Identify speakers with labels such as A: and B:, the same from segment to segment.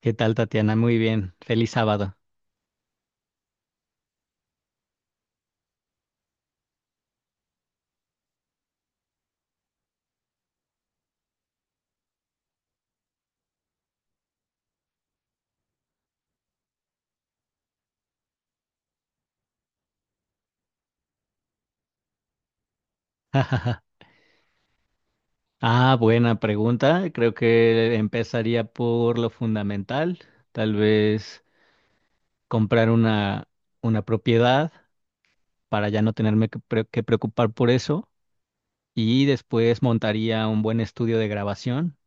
A: ¿Qué tal, Tatiana? Muy bien. Feliz sábado. Ah, buena pregunta. Creo que empezaría por lo fundamental. Tal vez comprar una propiedad para ya no tenerme que preocupar por eso. Y después montaría un buen estudio de grabación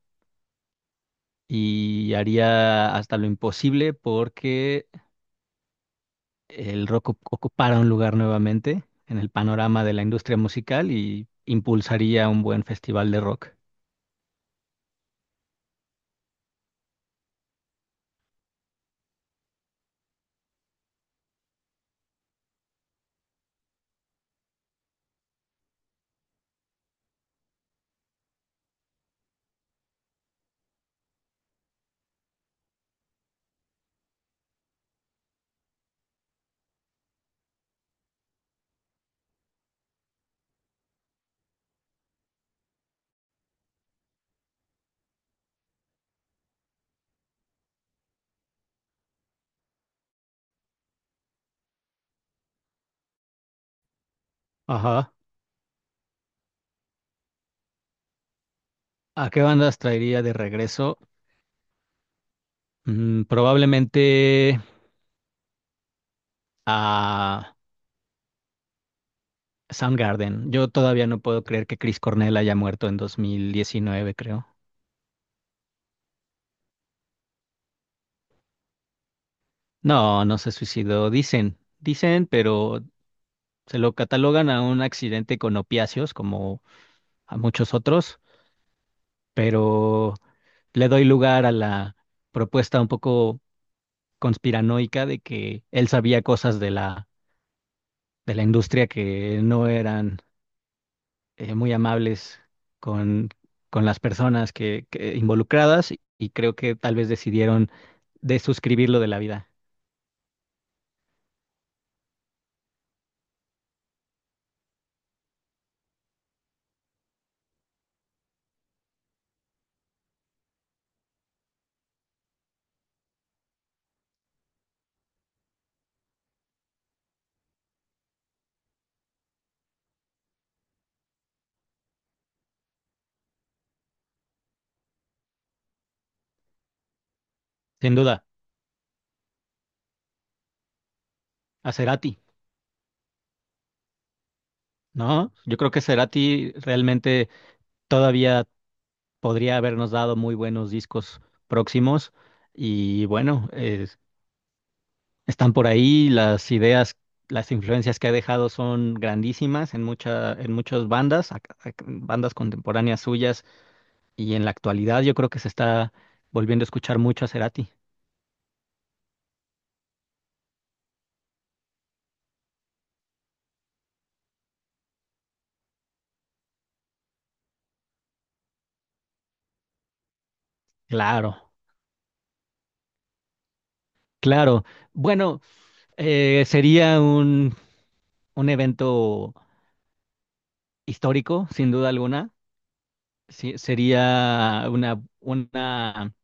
A: y haría hasta lo imposible porque el rock ocupara un lugar nuevamente en el panorama de la industria musical y impulsaría un buen festival de rock. ¿A qué bandas traería de regreso? Probablemente a Soundgarden. Yo todavía no puedo creer que Chris Cornell haya muerto en 2019, creo. No, no se suicidó, dicen, pero se lo catalogan a un accidente con opiáceos, como a muchos otros, pero le doy lugar a la propuesta un poco conspiranoica de que él sabía cosas de la industria que no eran muy amables con, con las personas que involucradas y creo que tal vez decidieron desuscribirlo de la vida. Sin duda, a Cerati, ¿no? Yo creo que Cerati realmente todavía podría habernos dado muy buenos discos próximos y bueno, están por ahí las ideas. Las influencias que ha dejado son grandísimas en en muchas bandas, bandas contemporáneas suyas. Y en la actualidad yo creo que se está volviendo a escuchar mucho a Cerati. Claro, claro. Bueno, sería un evento histórico, sin duda alguna. Sí, sería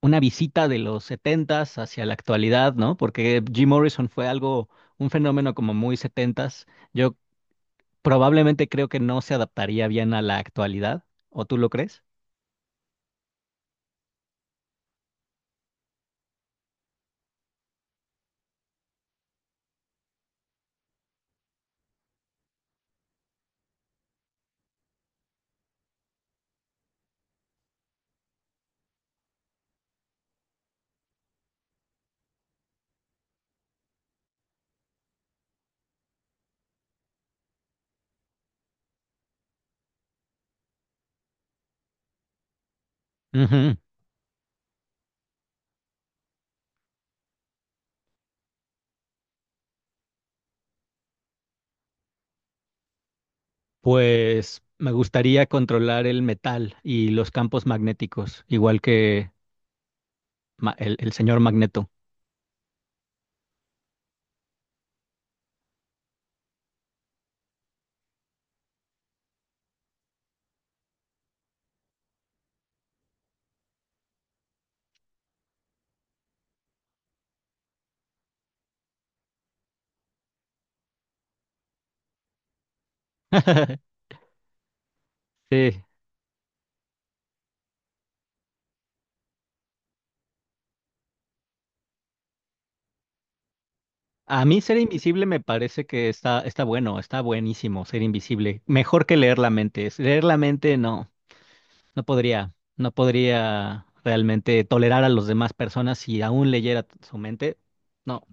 A: una visita de los setentas hacia la actualidad, ¿no? Porque Jim Morrison fue algo, un fenómeno como muy setentas. Yo probablemente creo que no se adaptaría bien a la actualidad. ¿O tú lo crees? Ujú. Pues me gustaría controlar el metal y los campos magnéticos, igual que el señor Magneto. Sí. A mí ser invisible me parece que está bueno, está buenísimo ser invisible. Mejor que leer la mente. Leer la mente no, no podría realmente tolerar a las demás personas si aún leyera su mente. No,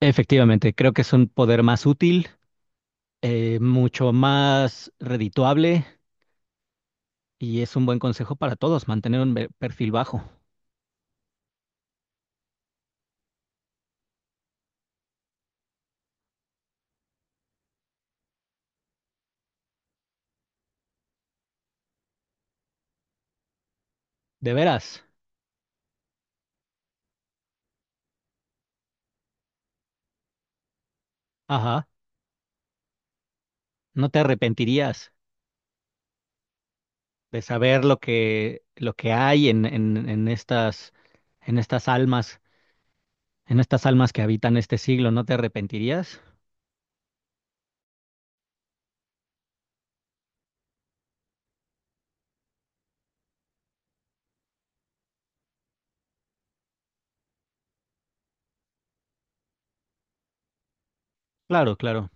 A: efectivamente, creo que es un poder más útil, mucho más redituable. Y es un buen consejo para todos, mantener un perfil bajo. De veras. Ajá. No te arrepentirías de saber lo que hay en estas, en estas almas, en estas almas que habitan este siglo. ¿No te arrepentirías? Claro, claro.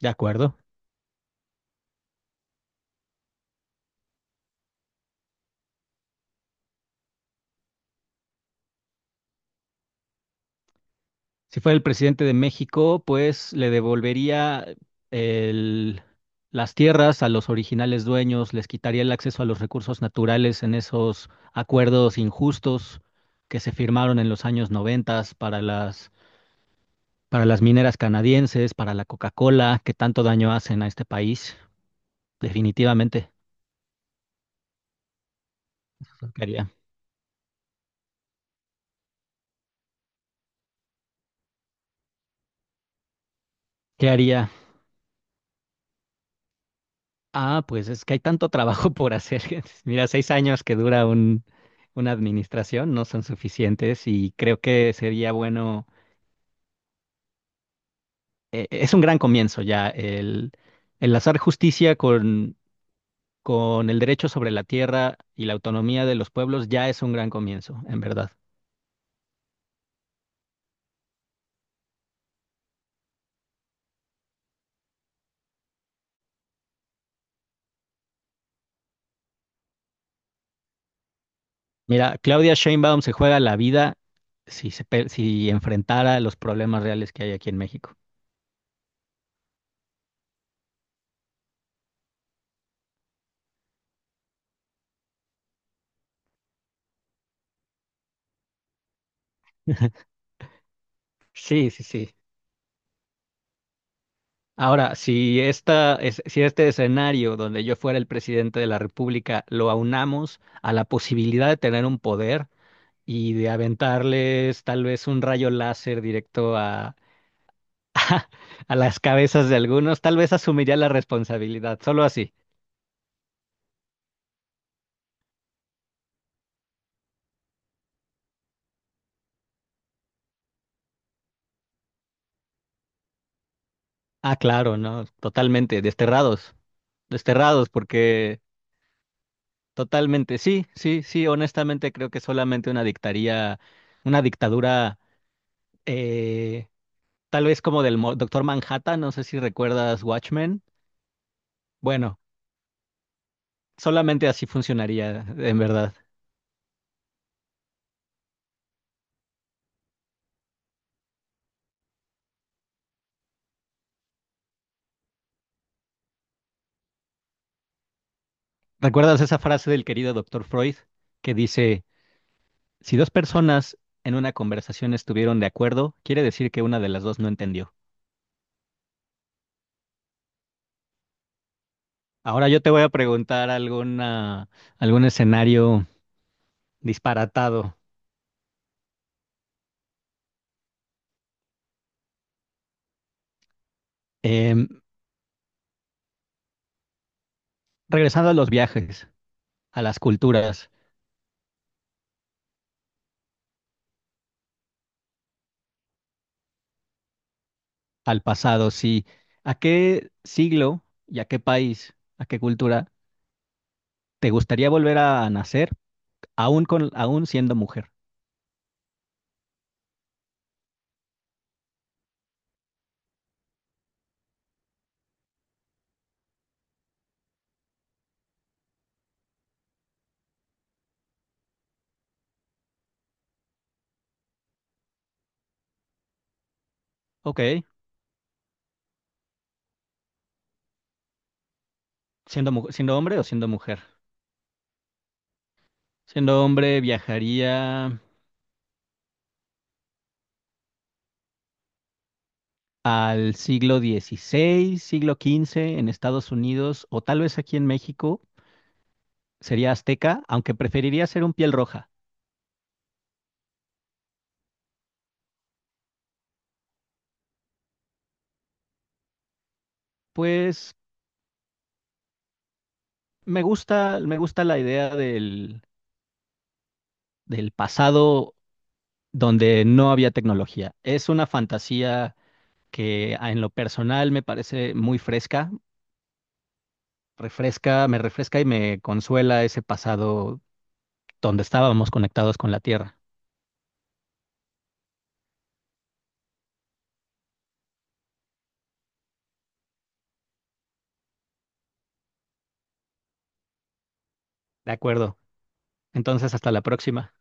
A: De acuerdo. Si fuera el presidente de México, pues le devolvería el- las tierras a los originales dueños, les quitaría el acceso a los recursos naturales en esos acuerdos injustos que se firmaron en los años 90 para para las mineras canadienses, para la Coca-Cola, que tanto daño hacen a este país. Definitivamente. ¿Qué haría? ¿Qué haría? Ah, pues es que hay tanto trabajo por hacer. Mira, 6 años que dura una administración no son suficientes y creo que sería bueno, es un gran comienzo ya el enlazar justicia con el derecho sobre la tierra y la autonomía de los pueblos ya es un gran comienzo, en verdad. Mira, Claudia Sheinbaum se juega la vida si enfrentara los problemas reales que hay aquí en México. Sí, sí, sí. Ahora, si este escenario donde yo fuera el presidente de la República lo aunamos a la posibilidad de tener un poder y de aventarles tal vez un rayo láser directo a las cabezas de algunos, tal vez asumiría la responsabilidad, solo así. Ah, claro, no, totalmente, desterrados, desterrados, porque totalmente, sí, sí, sí, honestamente creo que solamente una dictaría, una dictadura. eh, Tal vez como Doctor Manhattan, no sé si recuerdas Watchmen. Bueno, solamente así funcionaría, en verdad. ¿Recuerdas esa frase del querido Doctor Freud que dice, si dos personas en una conversación estuvieron de acuerdo, quiere decir que una de las dos no entendió? Ahora yo te voy a preguntar algún escenario disparatado. Em, regresando a los viajes, a las culturas, al pasado, sí. ¿A qué siglo y a qué país, a qué cultura? ¿Te gustaría volver a nacer aún siendo mujer? Ok, siendo hombre o siendo mujer. Siendo hombre viajaría al siglo XVI, siglo XV en Estados Unidos o tal vez aquí en México. Sería azteca, aunque preferiría ser un piel roja. Pues me gusta la idea del pasado donde no había tecnología. Es una fantasía en lo personal me parece muy fresca, me refresca y me consuela ese pasado donde estábamos conectados con la Tierra. De acuerdo. Entonces, hasta la próxima.